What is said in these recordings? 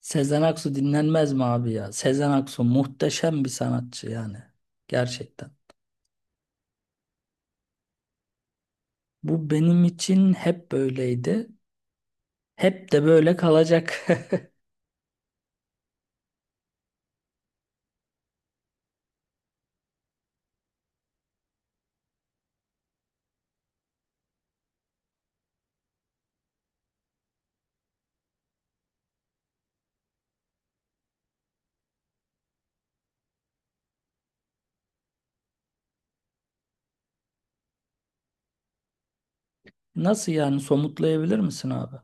Sezen Aksu dinlenmez mi abi ya? Sezen Aksu muhteşem bir sanatçı yani. Gerçekten. Bu benim için hep böyleydi. Hep de böyle kalacak. Nasıl yani, somutlayabilir misin abi?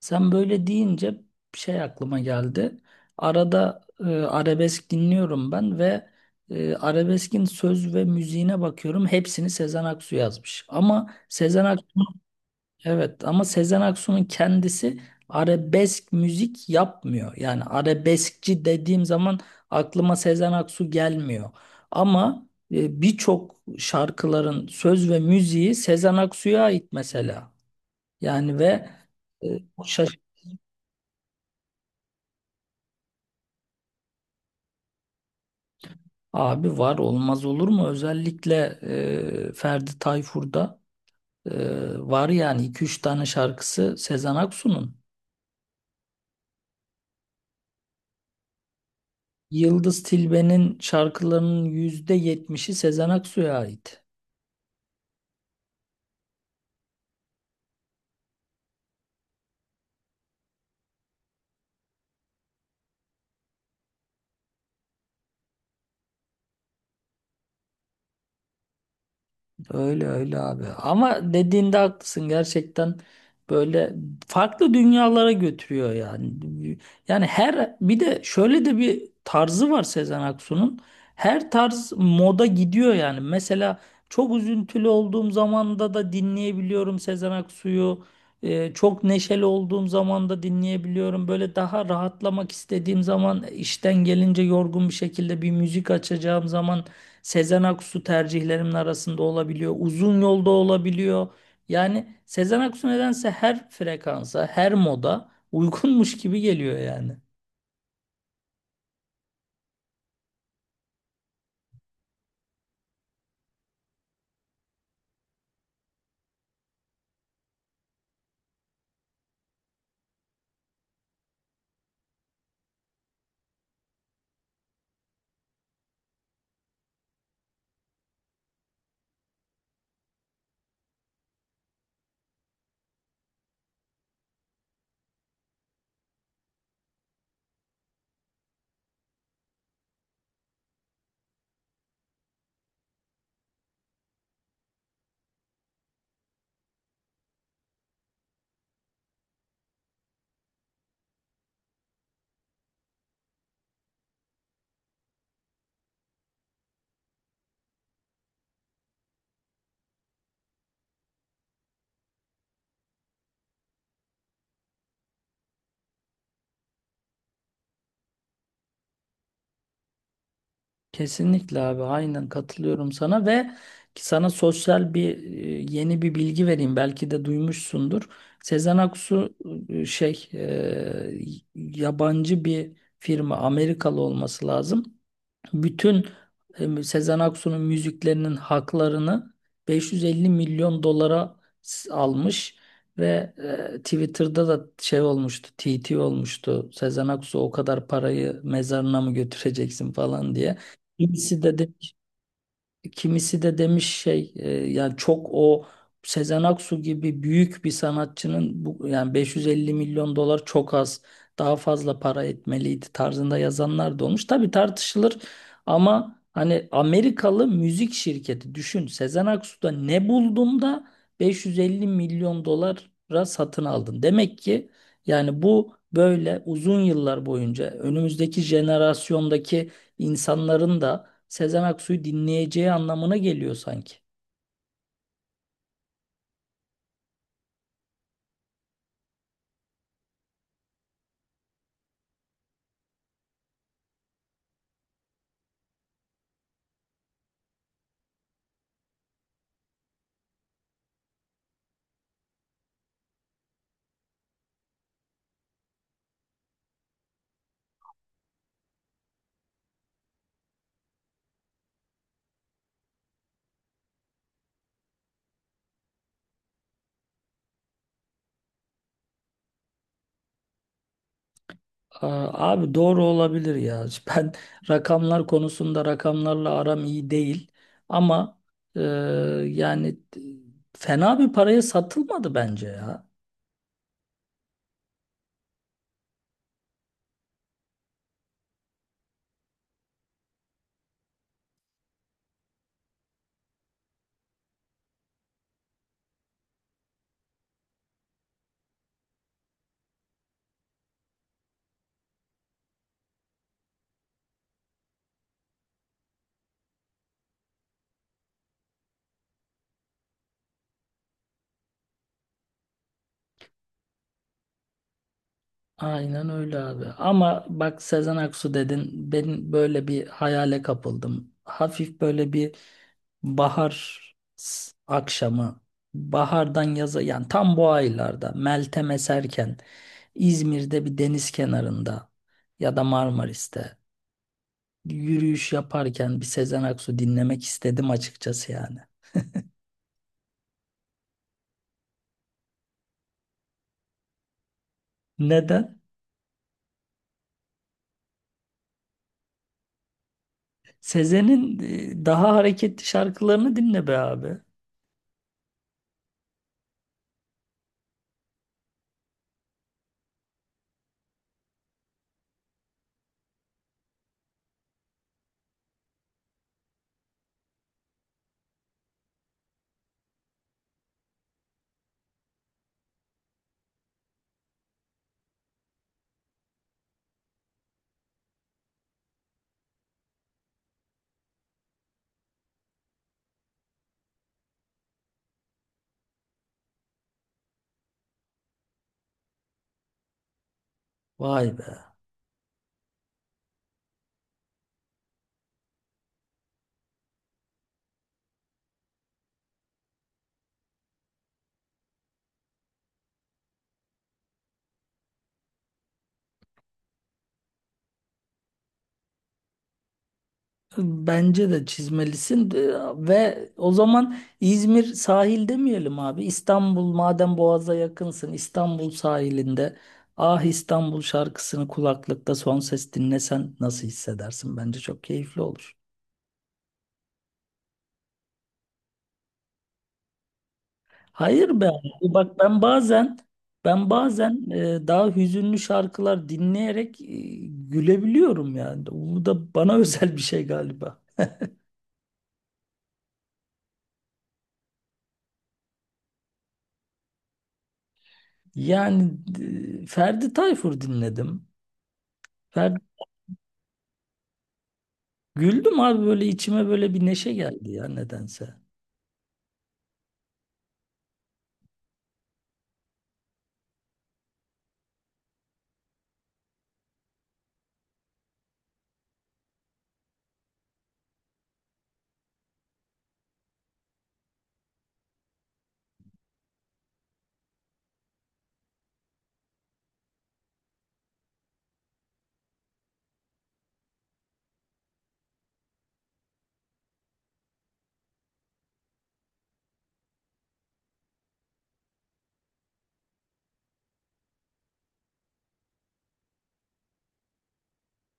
Sen böyle deyince bir şey aklıma geldi. Arada arabesk dinliyorum ben ve arabeskin söz ve müziğine bakıyorum. Hepsini Sezen Aksu yazmış. Ama Sezen Aksu. Evet, ama Sezen Aksu'nun kendisi arabesk müzik yapmıyor. Yani arabeskçi dediğim zaman aklıma Sezen Aksu gelmiyor. Ama birçok şarkıların söz ve müziği Sezen Aksu'ya ait mesela. Yani ve e, o şaş- abi var olmaz olur mu? Özellikle Ferdi Tayfur'da var yani iki üç tane şarkısı Sezen Aksu'nun. Yıldız Tilbe'nin şarkılarının %70'i Sezen Aksu'ya ait. Öyle öyle abi. Ama dediğinde haklısın gerçekten, böyle farklı dünyalara götürüyor yani. Yani her, bir de şöyle de bir tarzı var Sezen Aksu'nun. Her tarz moda gidiyor yani. Mesela çok üzüntülü olduğum zamanda da dinleyebiliyorum Sezen Aksu'yu. Çok neşeli olduğum zaman da dinleyebiliyorum. Böyle daha rahatlamak istediğim zaman, işten gelince yorgun bir şekilde bir müzik açacağım zaman Sezen Aksu tercihlerimin arasında olabiliyor. Uzun yolda olabiliyor. Yani Sezen Aksu nedense her frekansa, her moda uygunmuş gibi geliyor yani. Kesinlikle abi, aynen katılıyorum sana ve sana sosyal bir, yeni bir bilgi vereyim, belki de duymuşsundur. Sezen Aksu e, şey e, yabancı bir firma, Amerikalı olması lazım. Bütün Sezen Aksu'nun müziklerinin haklarını 550 milyon dolara almış ve Twitter'da da şey olmuştu, TT olmuştu. Sezen Aksu o kadar parayı mezarına mı götüreceksin falan diye. Kimisi dedi. Kimisi de demiş yani çok o Sezen Aksu gibi büyük bir sanatçının bu yani 550 milyon dolar çok az, daha fazla para etmeliydi tarzında yazanlar da olmuş. Tabii tartışılır ama hani Amerikalı müzik şirketi, düşün Sezen Aksu'da ne buldun da 550 milyon dolara satın aldın. Demek ki yani bu böyle uzun yıllar boyunca önümüzdeki jenerasyondaki insanların da Sezen Aksu'yu dinleyeceği anlamına geliyor sanki. Aa, abi doğru olabilir ya. Ben rakamlar konusunda, rakamlarla aram iyi değil. Ama e, yani fena bir paraya satılmadı bence ya. Aynen öyle abi. Ama bak, Sezen Aksu dedin, ben böyle bir hayale kapıldım. Hafif böyle bir bahar akşamı, bahardan yaza yani tam bu aylarda, Meltem eserken İzmir'de bir deniz kenarında ya da Marmaris'te yürüyüş yaparken bir Sezen Aksu dinlemek istedim açıkçası yani. Neden? Sezen'in daha hareketli şarkılarını dinle be abi. Vay be. Bence de çizmelisin. Ve o zaman İzmir sahil demeyelim abi. İstanbul, madem Boğaz'a yakınsın, İstanbul sahilinde Ah İstanbul şarkısını kulaklıkta son ses dinlesen nasıl hissedersin? Bence çok keyifli olur. Hayır be abi. Bak, ben bazen, ben bazen daha hüzünlü şarkılar dinleyerek gülebiliyorum yani. Bu da bana özel bir şey galiba. Yani Ferdi Tayfur dinledim. Ferdi. Güldüm abi, böyle içime böyle bir neşe geldi ya nedense.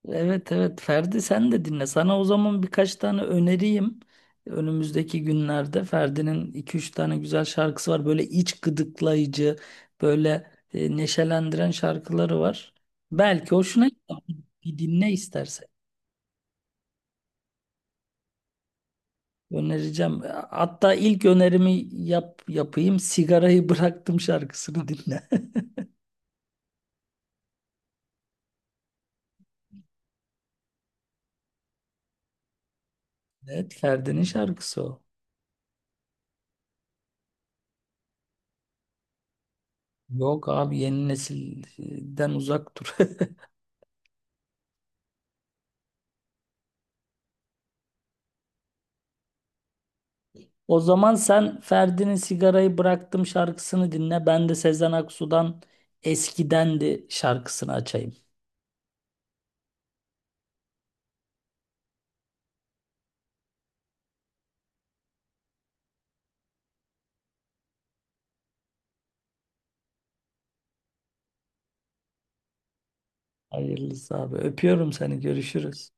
Evet evet, Ferdi sen de dinle. Sana o zaman birkaç tane öneriyim. Önümüzdeki günlerde Ferdi'nin iki üç tane güzel şarkısı var. Böyle iç gıdıklayıcı, böyle neşelendiren şarkıları var. Belki hoşuna gider. Bir dinle istersen. Önereceğim. Hatta ilk önerimi yapayım. Sigarayı bıraktım şarkısını dinle. Evet, Ferdi'nin şarkısı o. Yok abi, yeni nesilden uzak dur. O zaman sen Ferdi'nin sigarayı bıraktım şarkısını dinle. Ben de Sezen Aksu'dan Eskidendi şarkısını açayım. Hayırlısı abi. Öpüyorum seni. Görüşürüz.